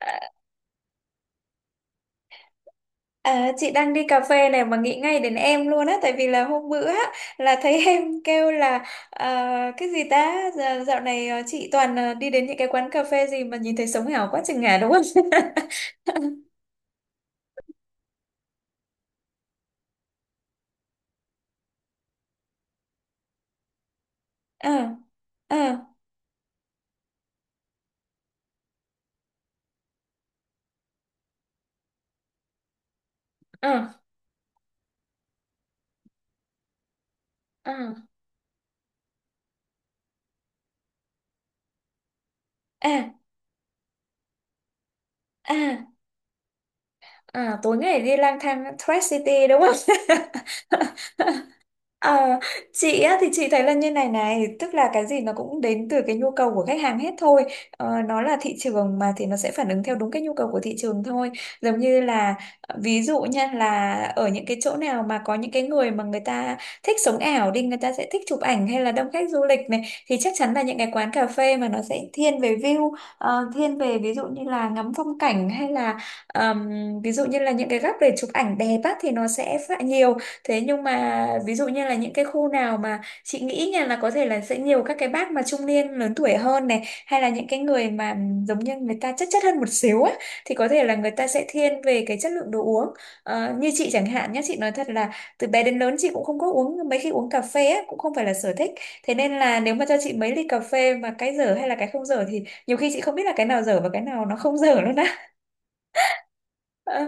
À, chị đang đi cà phê này mà nghĩ ngay đến em luôn á, tại vì là hôm bữa á, là thấy em kêu là ờ, cái gì ta. Dạo này chị toàn đi đến những cái quán cà phê gì mà nhìn thấy sống ảo quá chừng ngà, đúng không? ờ ờ ờ ờ à à Tối ngày đi lang thang Thread City đúng không? Ờ, chị á, thì chị thấy là như này này, tức là cái gì nó cũng đến từ cái nhu cầu của khách hàng hết thôi. Nó là thị trường mà, thì nó sẽ phản ứng theo đúng cái nhu cầu của thị trường thôi. Giống như là ví dụ nha, là ở những cái chỗ nào mà có những cái người mà người ta thích sống ảo đi, người ta sẽ thích chụp ảnh hay là đông khách du lịch này, thì chắc chắn là những cái quán cà phê mà nó sẽ thiên về view. Thiên về ví dụ như là ngắm phong cảnh hay là ờm, ví dụ như là những cái góc để chụp ảnh đẹp á thì nó sẽ phải nhiều. Thế nhưng mà ví dụ như là những cái khu nào mà chị nghĩ nha, là có thể là sẽ nhiều các cái bác mà trung niên lớn tuổi hơn này, hay là những cái người mà giống như người ta chất chất hơn một xíu á, thì có thể là người ta sẽ thiên về cái chất lượng đồ uống. Ờ, như chị chẳng hạn nhé, chị nói thật là từ bé đến lớn chị cũng không có uống, mấy khi uống cà phê á, cũng không phải là sở thích. Thế nên là nếu mà cho chị mấy ly cà phê mà cái dở hay là cái không dở thì nhiều khi chị không biết là cái nào dở và cái nào nó không dở luôn á. Ờ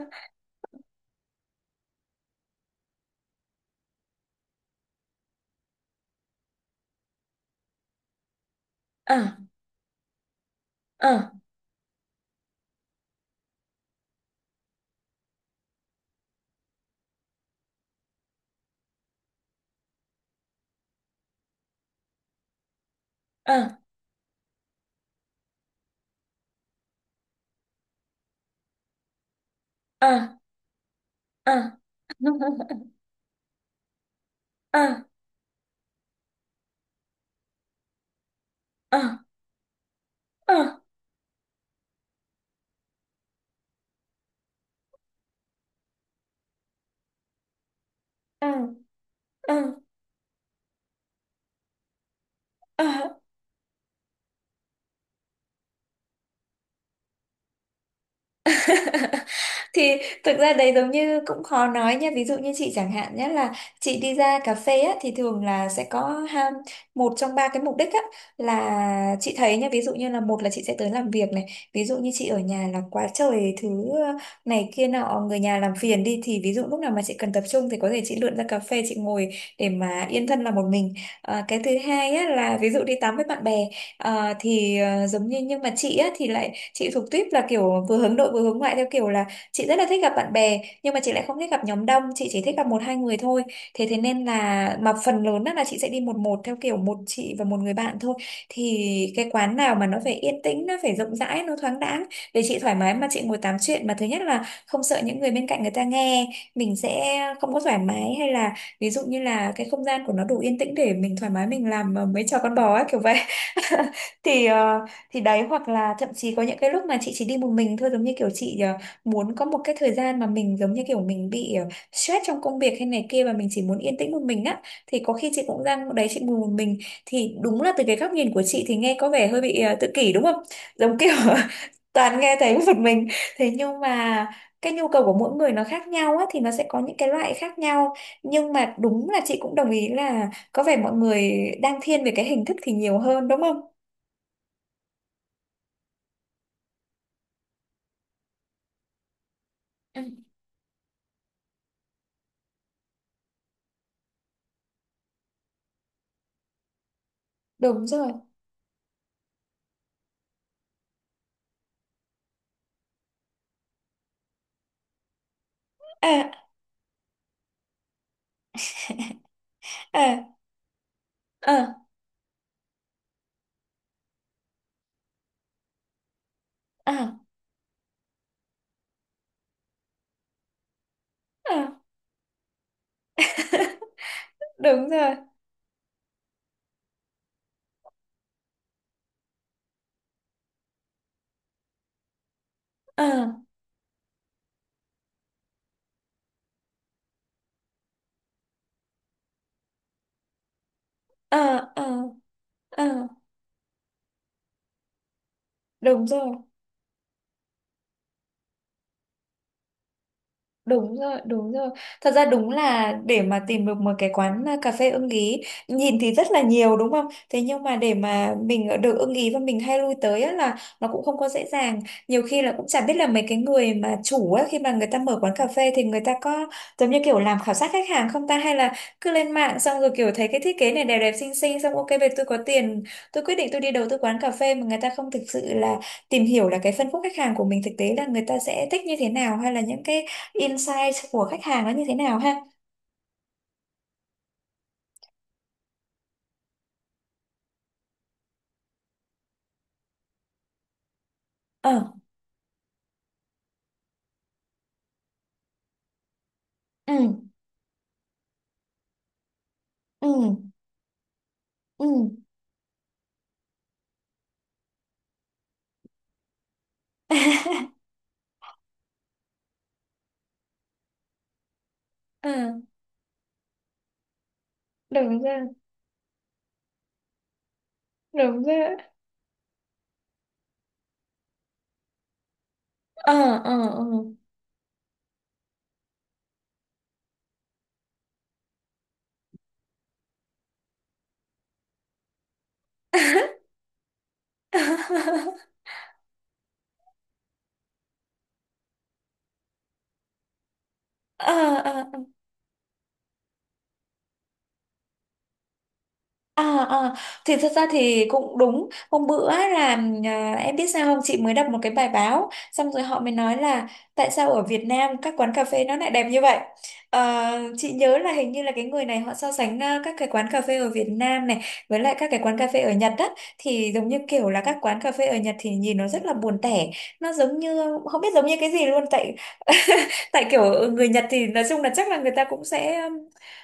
ờ ờ ờ ờ ờ ờ ờ ờ ờ ờ thì thực ra đấy giống như cũng khó nói nha, ví dụ như chị chẳng hạn nhé, là chị đi ra cà phê á, thì thường là sẽ có ha, một trong ba cái mục đích á, là chị thấy nha, ví dụ như là một là chị sẽ tới làm việc này, ví dụ như chị ở nhà là quá trời thứ, ờ, này kia nọ, người nhà làm phiền đi, thì ví dụ lúc nào mà chị cần tập trung thì có thể chị lượn ra cà phê chị ngồi để mà yên thân là một mình. À, cái thứ hai á, là ví dụ đi tắm với bạn bè. À, thì à, giống như nhưng mà chị á, thì lại chị thuộc tuyếp là kiểu vừa hướng nội vừa hướng ngoại, theo kiểu là chị rất là thích gặp bạn bè, nhưng mà chị lại không thích gặp nhóm đông, chị chỉ thích gặp một hai người thôi. Thế thế nên là mà phần lớn á là chị sẽ đi một một theo kiểu một chị và một người bạn thôi. Thì cái quán nào mà nó phải yên tĩnh, nó phải rộng rãi, nó thoáng đãng để chị thoải mái mà chị ngồi tám chuyện, mà thứ nhất là không sợ những người bên cạnh người ta nghe mình sẽ không có thoải mái, hay là ví dụ như là cái không gian của nó đủ yên tĩnh để mình thoải mái mình làm mấy trò con bò ấy, kiểu vậy. thì ờ, thì đấy, hoặc là thậm chí có những cái lúc mà chị chỉ đi một mình thôi, giống như kiểu chị muốn có một cái thời gian mà mình giống như kiểu mình bị stress trong công việc hay này kia, và mình chỉ muốn yên tĩnh một mình á, thì có khi chị cũng ra đấy chị ngồi một mình. Thì đúng là từ cái góc nhìn của chị thì nghe có vẻ hơi bị tự kỷ đúng không, giống kiểu toàn nghe thấy một mình. Thế nhưng mà cái nhu cầu của mỗi người nó khác nhau á, thì nó sẽ có những cái loại khác nhau. Nhưng mà đúng là chị cũng đồng ý là có vẻ mọi người đang thiên về cái hình thức thì nhiều hơn đúng không? Ừ, đúng rồi. à à à à à Đúng rồi. ờ ờ ờ ờ Đúng rồi. Đúng rồi, đúng rồi. Thật ra đúng là để mà tìm được một cái quán à, cà phê ưng ý, nhìn thì rất là nhiều đúng không? Thế nhưng mà để mà mình được ưng ý và mình hay lui tới á, là nó cũng không có dễ dàng. Nhiều khi là cũng chả biết là mấy cái người mà chủ á, khi mà người ta mở quán cà phê thì người ta có giống như kiểu làm khảo sát khách hàng không ta? Hay là cứ lên mạng xong rồi kiểu thấy cái thiết kế này đẹp đẹp xinh xinh, xong ok về tôi có tiền, tôi quyết định tôi đi đầu tư quán cà phê, mà người ta không thực sự là tìm hiểu là cái phân khúc khách hàng của mình thực tế là người ta sẽ thích như thế nào, hay là những cái insight của khách hàng nó như thế nào ha. ờ ừ ừ ừ ờ đúng rồi, đúng rồi. ờ ờ ờ ờ ờ À, à, thì thật ra thì cũng đúng, hôm bữa là à, em biết sao không, chị mới đọc một cái bài báo xong rồi họ mới nói là tại sao ở Việt Nam các quán cà phê nó lại đẹp như vậy. Ờ, chị nhớ là hình như là cái người này họ so sánh à, các cái quán cà phê ở Việt Nam này với lại các cái quán cà phê ở Nhật á, thì giống như kiểu là các quán cà phê ở Nhật thì nhìn nó rất là buồn tẻ, nó giống như không biết giống như cái gì luôn tại tại kiểu người Nhật thì nói chung là chắc là người ta cũng sẽ um,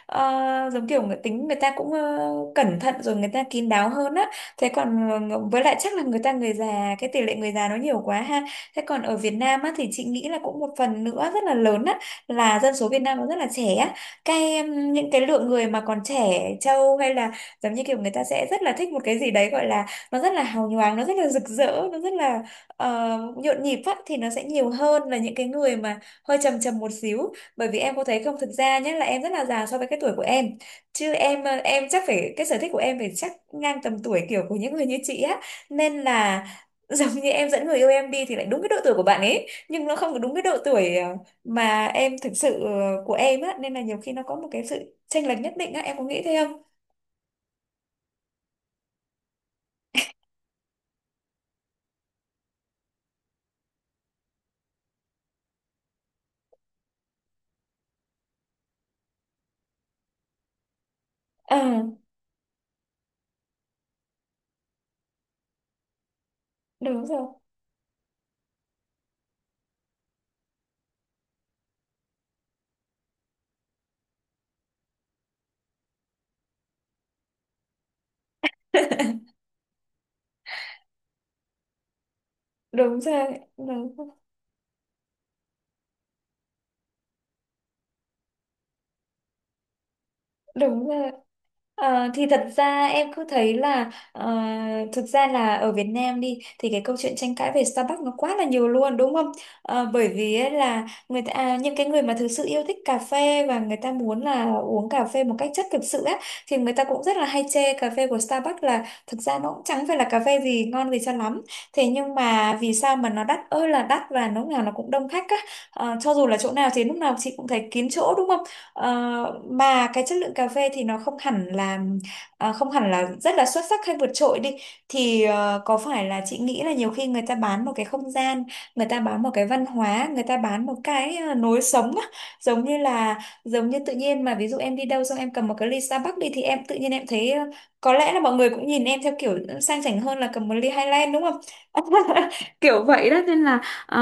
ờ, giống kiểu người tính, người ta cũng cẩn thận rồi người ta kín đáo hơn á. Thế còn với lại chắc là người ta, người già, cái tỷ lệ người già nó nhiều quá ha. Thế còn ở Việt Nam á thì chị nghĩ là cũng một phần nữa rất là lớn á, là dân số Việt Nam nó rất là trẻ á, cái những cái lượng người mà còn trẻ trâu hay là giống như kiểu người ta sẽ rất là thích một cái gì đấy gọi là nó rất là hào nhoáng, nó rất là rực rỡ, nó rất là nhộn nhịp á, thì nó sẽ nhiều hơn là những cái người mà hơi trầm trầm một xíu. Bởi vì em có thấy không, thực ra nhé là em rất là già so với cái tuổi của em, chứ em em chắc phải, cái sở thích của em phải chắc ngang tầm tuổi kiểu của những người như chị á, nên là giống như em dẫn người yêu em đi thì lại đúng cái độ tuổi của bạn ấy, nhưng nó không có đúng cái độ tuổi mà em thực sự của em á, nên là nhiều khi nó có một cái sự chênh lệch nhất định á, em có nghĩ thế không? ờ đúng rồi đúng rồi đúng rồi Đúng rồi. Ờ, thì thật ra em cứ thấy là thực ra là ở Việt Nam đi thì cái câu chuyện tranh cãi về Starbucks nó quá là nhiều luôn đúng không? Ờ, bởi vì ấy là người ta à, những cái người mà thực sự yêu thích cà phê và người ta muốn là uống cà phê một cách chất thực sự á, thì người ta cũng rất là hay chê cà phê của Starbucks là thực ra nó cũng chẳng phải là cà phê gì ngon gì cho lắm. Thế nhưng mà vì sao mà nó đắt ơi là đắt và lúc nào nó cũng đông khách á. Ờ, cho dù là chỗ nào thì lúc nào chị cũng thấy kín chỗ đúng không? Ờ, mà cái chất lượng cà phê thì nó không hẳn là à, không hẳn là rất là xuất sắc hay vượt trội đi, thì có phải là chị nghĩ là nhiều khi người ta bán một cái không gian, người ta bán một cái văn hóa, người ta bán một cái lối sống á. giống như là giống như tự nhiên mà, ví dụ em đi đâu xong em cầm một cái ly Starbucks đi thì em tự nhiên em thấy có lẽ là mọi người cũng nhìn em theo kiểu sang chảnh hơn là cầm một ly Highland, đúng không? Kiểu vậy đó nên là ờ,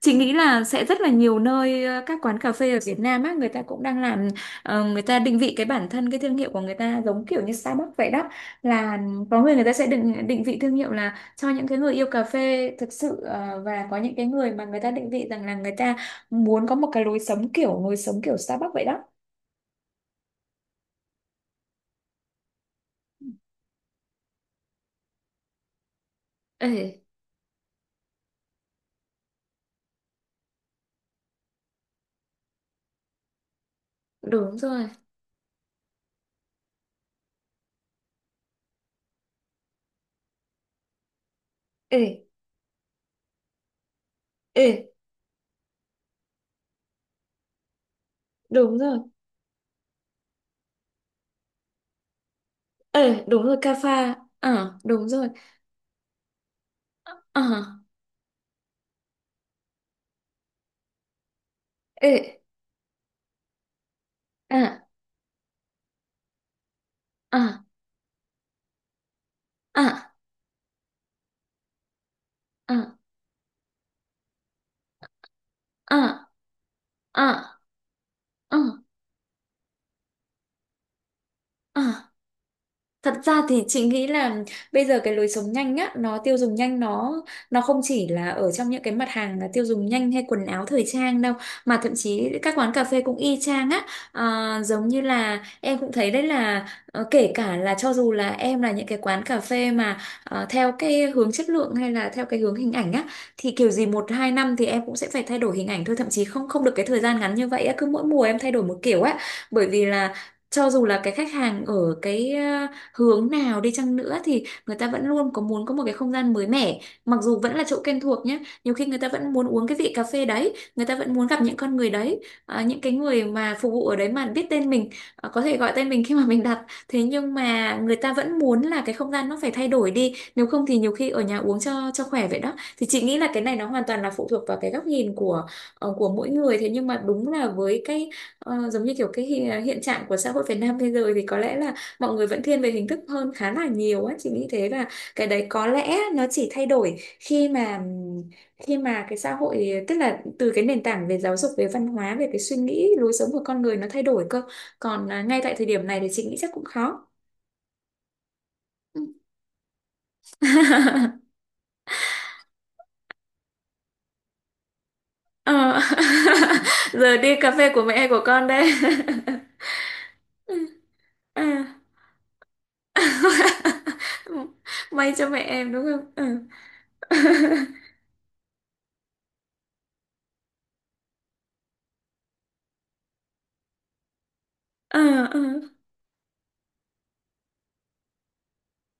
chị nghĩ là sẽ rất là nhiều nơi, các quán cà phê ở Việt Nam á, người ta cũng đang làm, người ta định vị cái bản thân, cái thương hiệu của người ta giống kiểu như Starbucks vậy đó, là có người người ta sẽ định định vị thương hiệu là cho những cái người yêu cà phê thực sự, và có những cái người mà người ta định vị rằng là người ta muốn có một cái lối sống kiểu Starbucks vậy đó. Ê, đúng rồi. Ê, ê, đúng rồi. Ê, đúng rồi, cà pha. Ờ, đúng rồi. Ờ, ê, à, à, à, à. À. Ừ, ừ, ừ. Thật ra thì chị nghĩ là bây giờ cái lối sống nhanh á, nó tiêu dùng nhanh, nó không chỉ là ở trong những cái mặt hàng là tiêu dùng nhanh hay quần áo thời trang đâu, mà thậm chí các quán cà phê cũng y chang á. Giống như là em cũng thấy đấy là kể cả là cho dù là em là những cái quán cà phê mà theo cái hướng chất lượng hay là theo cái hướng hình ảnh á, thì kiểu gì một hai năm thì em cũng sẽ phải thay đổi hình ảnh thôi, thậm chí không không được cái thời gian ngắn như vậy á, cứ mỗi mùa em thay đổi một kiểu á. Bởi vì là cho dù là cái khách hàng ở cái hướng nào đi chăng nữa, thì người ta vẫn luôn có muốn có một cái không gian mới mẻ, mặc dù vẫn là chỗ quen thuộc nhé. Nhiều khi người ta vẫn muốn uống cái vị cà phê đấy, người ta vẫn muốn gặp những con người đấy, à, những cái người mà phục vụ ở đấy mà biết tên mình, à, có thể gọi tên mình khi mà mình đặt. Thế nhưng mà người ta vẫn muốn là cái không gian nó phải thay đổi đi, nếu không thì nhiều khi ở nhà uống cho khỏe vậy đó. Thì chị nghĩ là cái này nó hoàn toàn là phụ thuộc vào cái góc nhìn của của mỗi người. Thế nhưng mà đúng là với cái giống như kiểu cái hiện trạng của xã hội Việt Nam bây giờ thì có lẽ là mọi người vẫn thiên về hình thức hơn khá là nhiều á, chị nghĩ thế. Và cái đấy có lẽ nó chỉ thay đổi khi mà cái xã hội, tức là từ cái nền tảng về giáo dục, về văn hóa, về cái suy nghĩ lối sống của con người nó thay đổi cơ. Còn à, ngay tại thời điểm này thì chị nghĩ chắc cũng khó. Ừ. Ờ. Giờ đi cà phê của mẹ của con đây. Ừ. À. May cho mẹ em, đúng không? Ừ. Ờ, ờ.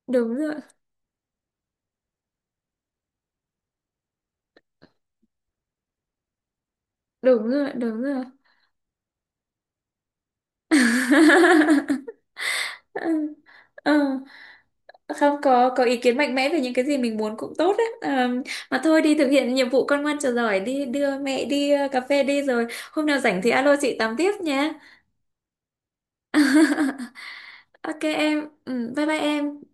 Đúng rồi, đúng rồi, đúng rồi. Ờ, Không có ý kiến mạnh mẽ về những cái gì mình muốn cũng tốt đấy. Ờ, mà thôi, đi thực hiện nhiệm vụ con ngoan trò giỏi, đi đưa mẹ đi cà phê đi, rồi hôm nào rảnh thì alo chị tám tiếp nhé. Ok em. Ừ, bye bye em.